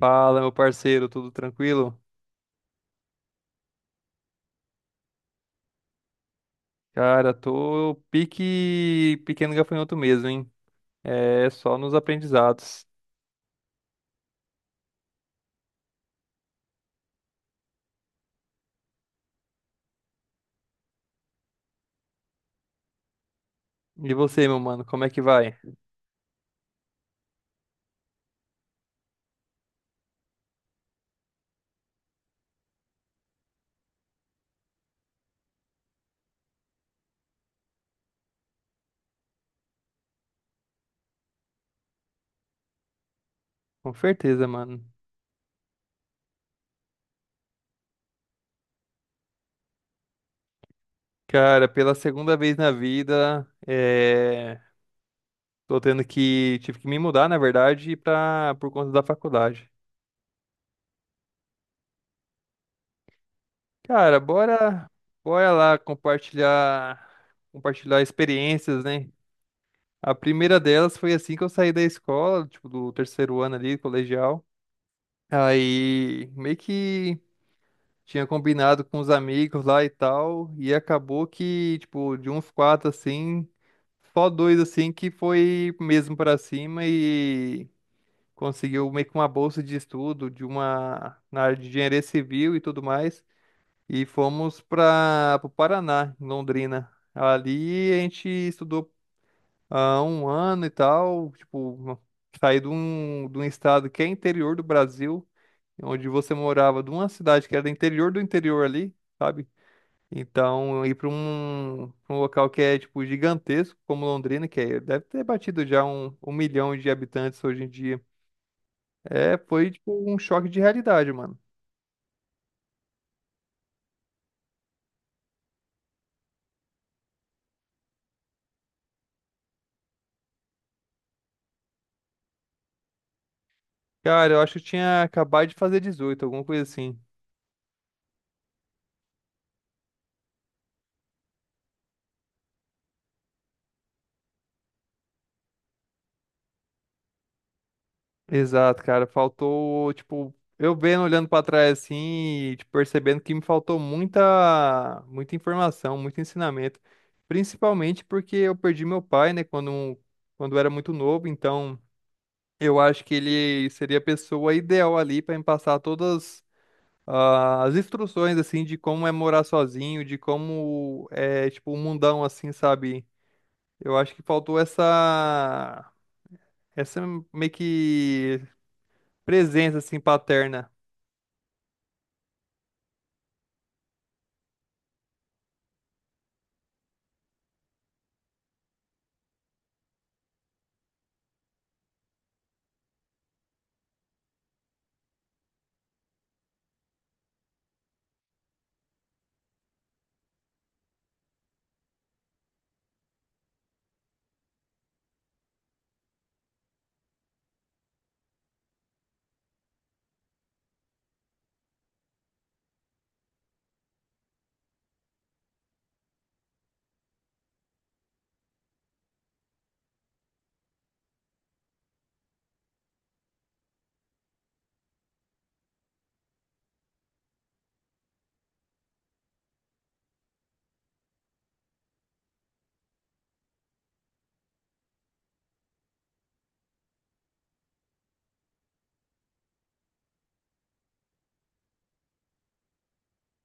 Fala, meu parceiro, tudo tranquilo? Cara, tô pique pequeno gafanhoto mesmo, hein? É só nos aprendizados. E você, meu mano, como é que vai? Com certeza, mano. Cara, pela segunda vez na vida, tô tendo que. Tive que me mudar, na verdade, pra... por conta da faculdade. Cara, bora, bora lá compartilhar, compartilhar experiências, né? A primeira delas foi assim que eu saí da escola, tipo, do terceiro ano ali, colegial. Aí meio que tinha combinado com os amigos lá e tal, e acabou que, tipo, de uns quatro assim, só dois assim que foi mesmo pra cima e conseguiu meio que uma bolsa de estudo de uma na área de engenharia civil e tudo mais, e fomos para o Paraná, em Londrina. Ali a gente estudou há um ano e tal, tipo, saí de um estado que é interior do Brasil onde você morava, de uma cidade que era do interior ali, sabe? Então, ir pra um local que é, tipo, gigantesco, como Londrina, que é- deve ter batido já um milhão de habitantes hoje em dia. É, foi, tipo, um choque de realidade, mano. Cara, eu acho que eu tinha acabado de fazer 18, alguma coisa assim. Exato, cara. Faltou, tipo, eu vendo, olhando pra trás assim, e, tipo, percebendo que me faltou muita informação, muito ensinamento. Principalmente porque eu perdi meu pai, né, quando eu era muito novo. Então, eu acho que ele seria a pessoa ideal ali pra me passar todas as instruções, assim, de como é morar sozinho, de como é, tipo, um mundão, assim, sabe? Eu acho que faltou essa, essa meio que presença, assim, paterna.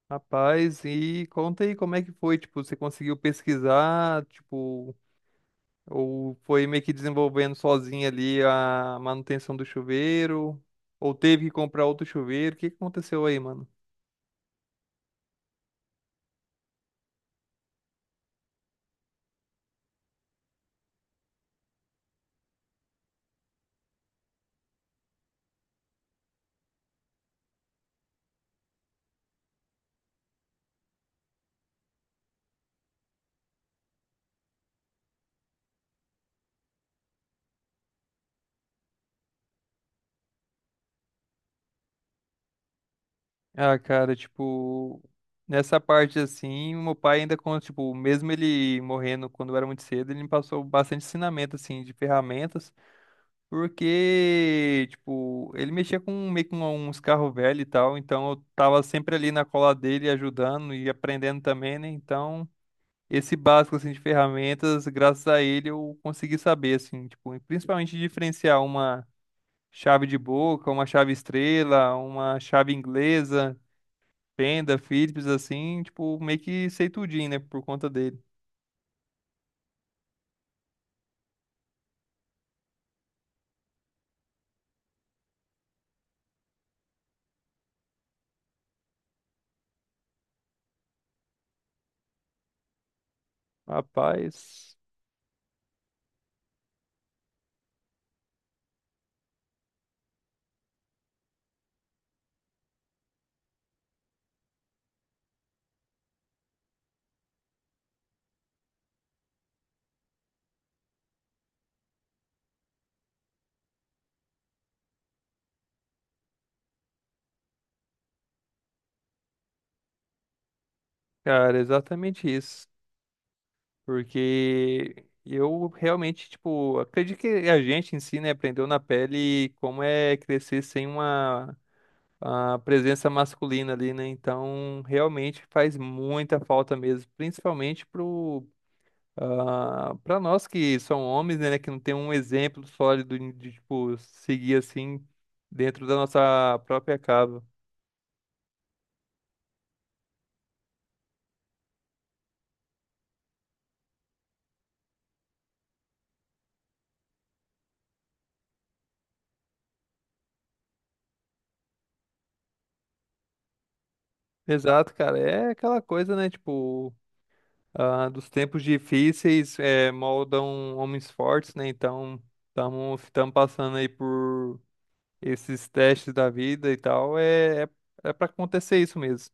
Rapaz, e conta aí como é que foi, tipo, você conseguiu pesquisar, tipo, ou foi meio que desenvolvendo sozinho ali a manutenção do chuveiro, ou teve que comprar outro chuveiro, o que que aconteceu aí, mano? Ah, cara, tipo, nessa parte assim, o meu pai ainda, com tipo, mesmo ele morrendo quando eu era muito cedo, ele me passou bastante ensinamento, assim, de ferramentas. Porque, tipo, ele mexia com meio com uns carros velhos e tal, então eu tava sempre ali na cola dele ajudando e aprendendo também, né? Então, esse básico assim de ferramentas, graças a ele eu consegui saber assim, tipo, e principalmente diferenciar uma chave de boca, uma chave estrela, uma chave inglesa, Fenda, Philips assim, tipo, meio que sei tudinho, né, por conta dele. Rapaz, cara, é exatamente isso. Porque eu realmente, tipo, acredito que a gente em si, né, aprendeu na pele como é crescer sem uma, a presença masculina ali, né? Então, realmente faz muita falta mesmo, principalmente pro para nós que são homens, né, que não tem um exemplo sólido tipo, seguir assim dentro da nossa própria casa. Exato, cara, é aquela coisa, né, tipo dos tempos difíceis moldam homens fortes, né? Então, estamos passando aí por esses testes da vida e tal. É para acontecer isso mesmo.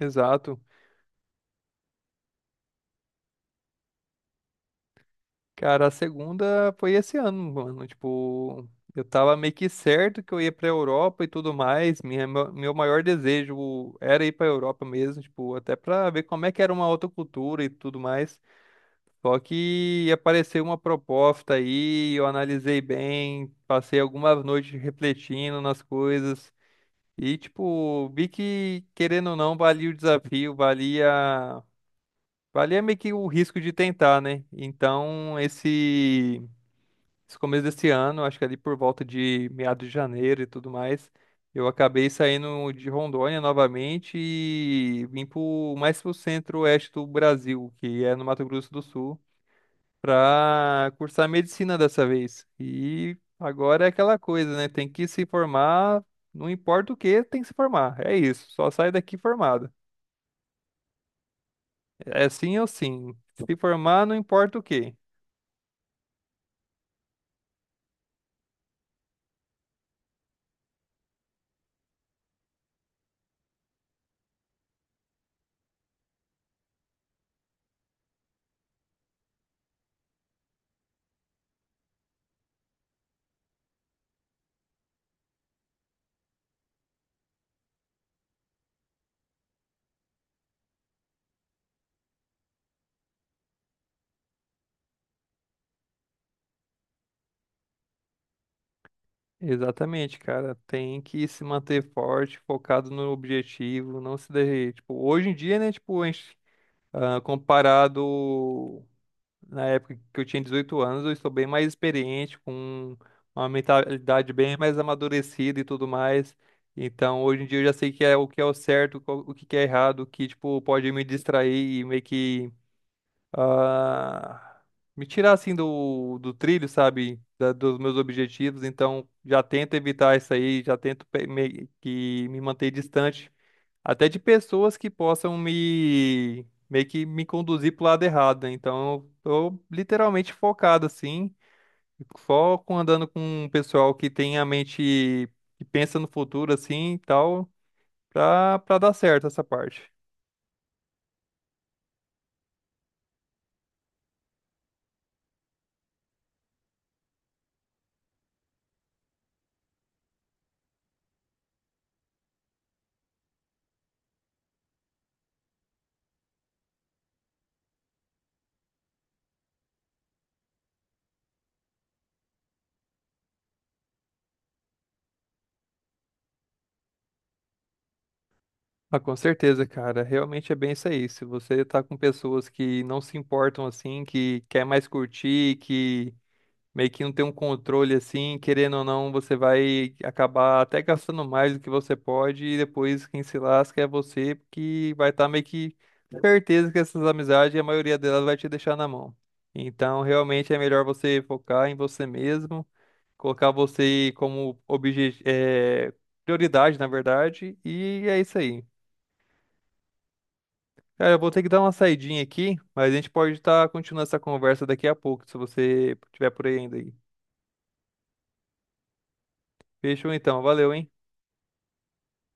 Exato. Cara, a segunda foi esse ano, mano. Tipo, eu tava meio que certo que eu ia pra Europa e tudo mais. Meu maior desejo era ir pra Europa mesmo, tipo, até pra ver como é que era uma outra cultura e tudo mais. Só que apareceu uma proposta aí, eu analisei bem, passei algumas noites refletindo nas coisas e, tipo, vi que, querendo ou não, valia o desafio, valia, valia meio que o risco de tentar, né? Então, esse começo desse ano, acho que ali por volta de meados de janeiro e tudo mais, eu acabei saindo de Rondônia novamente e vim pro, mais pro centro-oeste do Brasil, que é no Mato Grosso do Sul para cursar medicina dessa vez. E agora é aquela coisa, né? Tem que se formar, não importa o que, tem que se formar. É isso, só sai daqui formado. É sim ou sim. Se formar, não importa o que. Exatamente, cara. Tem que se manter forte, focado no objetivo, não se derreter. Tipo, hoje em dia, né? Tipo, a gente, comparado. Na época que eu tinha 18 anos, eu estou bem mais experiente, com uma mentalidade bem mais amadurecida e tudo mais. Então, hoje em dia eu já sei que é o certo, qual- o que que é errado, o que tipo pode me distrair e meio que ah, me tirar assim do trilho, sabe? Da- dos meus objetivos. Então, já tento evitar isso aí, já tento pe- meio que me manter distante até de pessoas que possam me meio que me conduzir pro lado errado, né? Então, eu tô literalmente focado assim, foco andando com um pessoal que tem a mente que pensa no futuro assim e tal, pra para dar certo essa parte. Ah, com certeza, cara. Realmente é bem isso aí. Se você tá com pessoas que não se importam assim, que quer mais curtir, que meio que não tem um controle assim, querendo ou não, você vai acabar até gastando mais do que você pode e depois quem se lasca é você, porque vai estar meio que certeza que essas amizades, a maioria delas vai te deixar na mão. Então, realmente é melhor você focar em você mesmo, colocar você como prioridade, na verdade, e é isso aí. Cara, eu vou ter que dar uma saidinha aqui, mas a gente pode estar continuando essa conversa daqui a pouco, se você tiver por aí ainda aí. Fechou então, valeu, hein?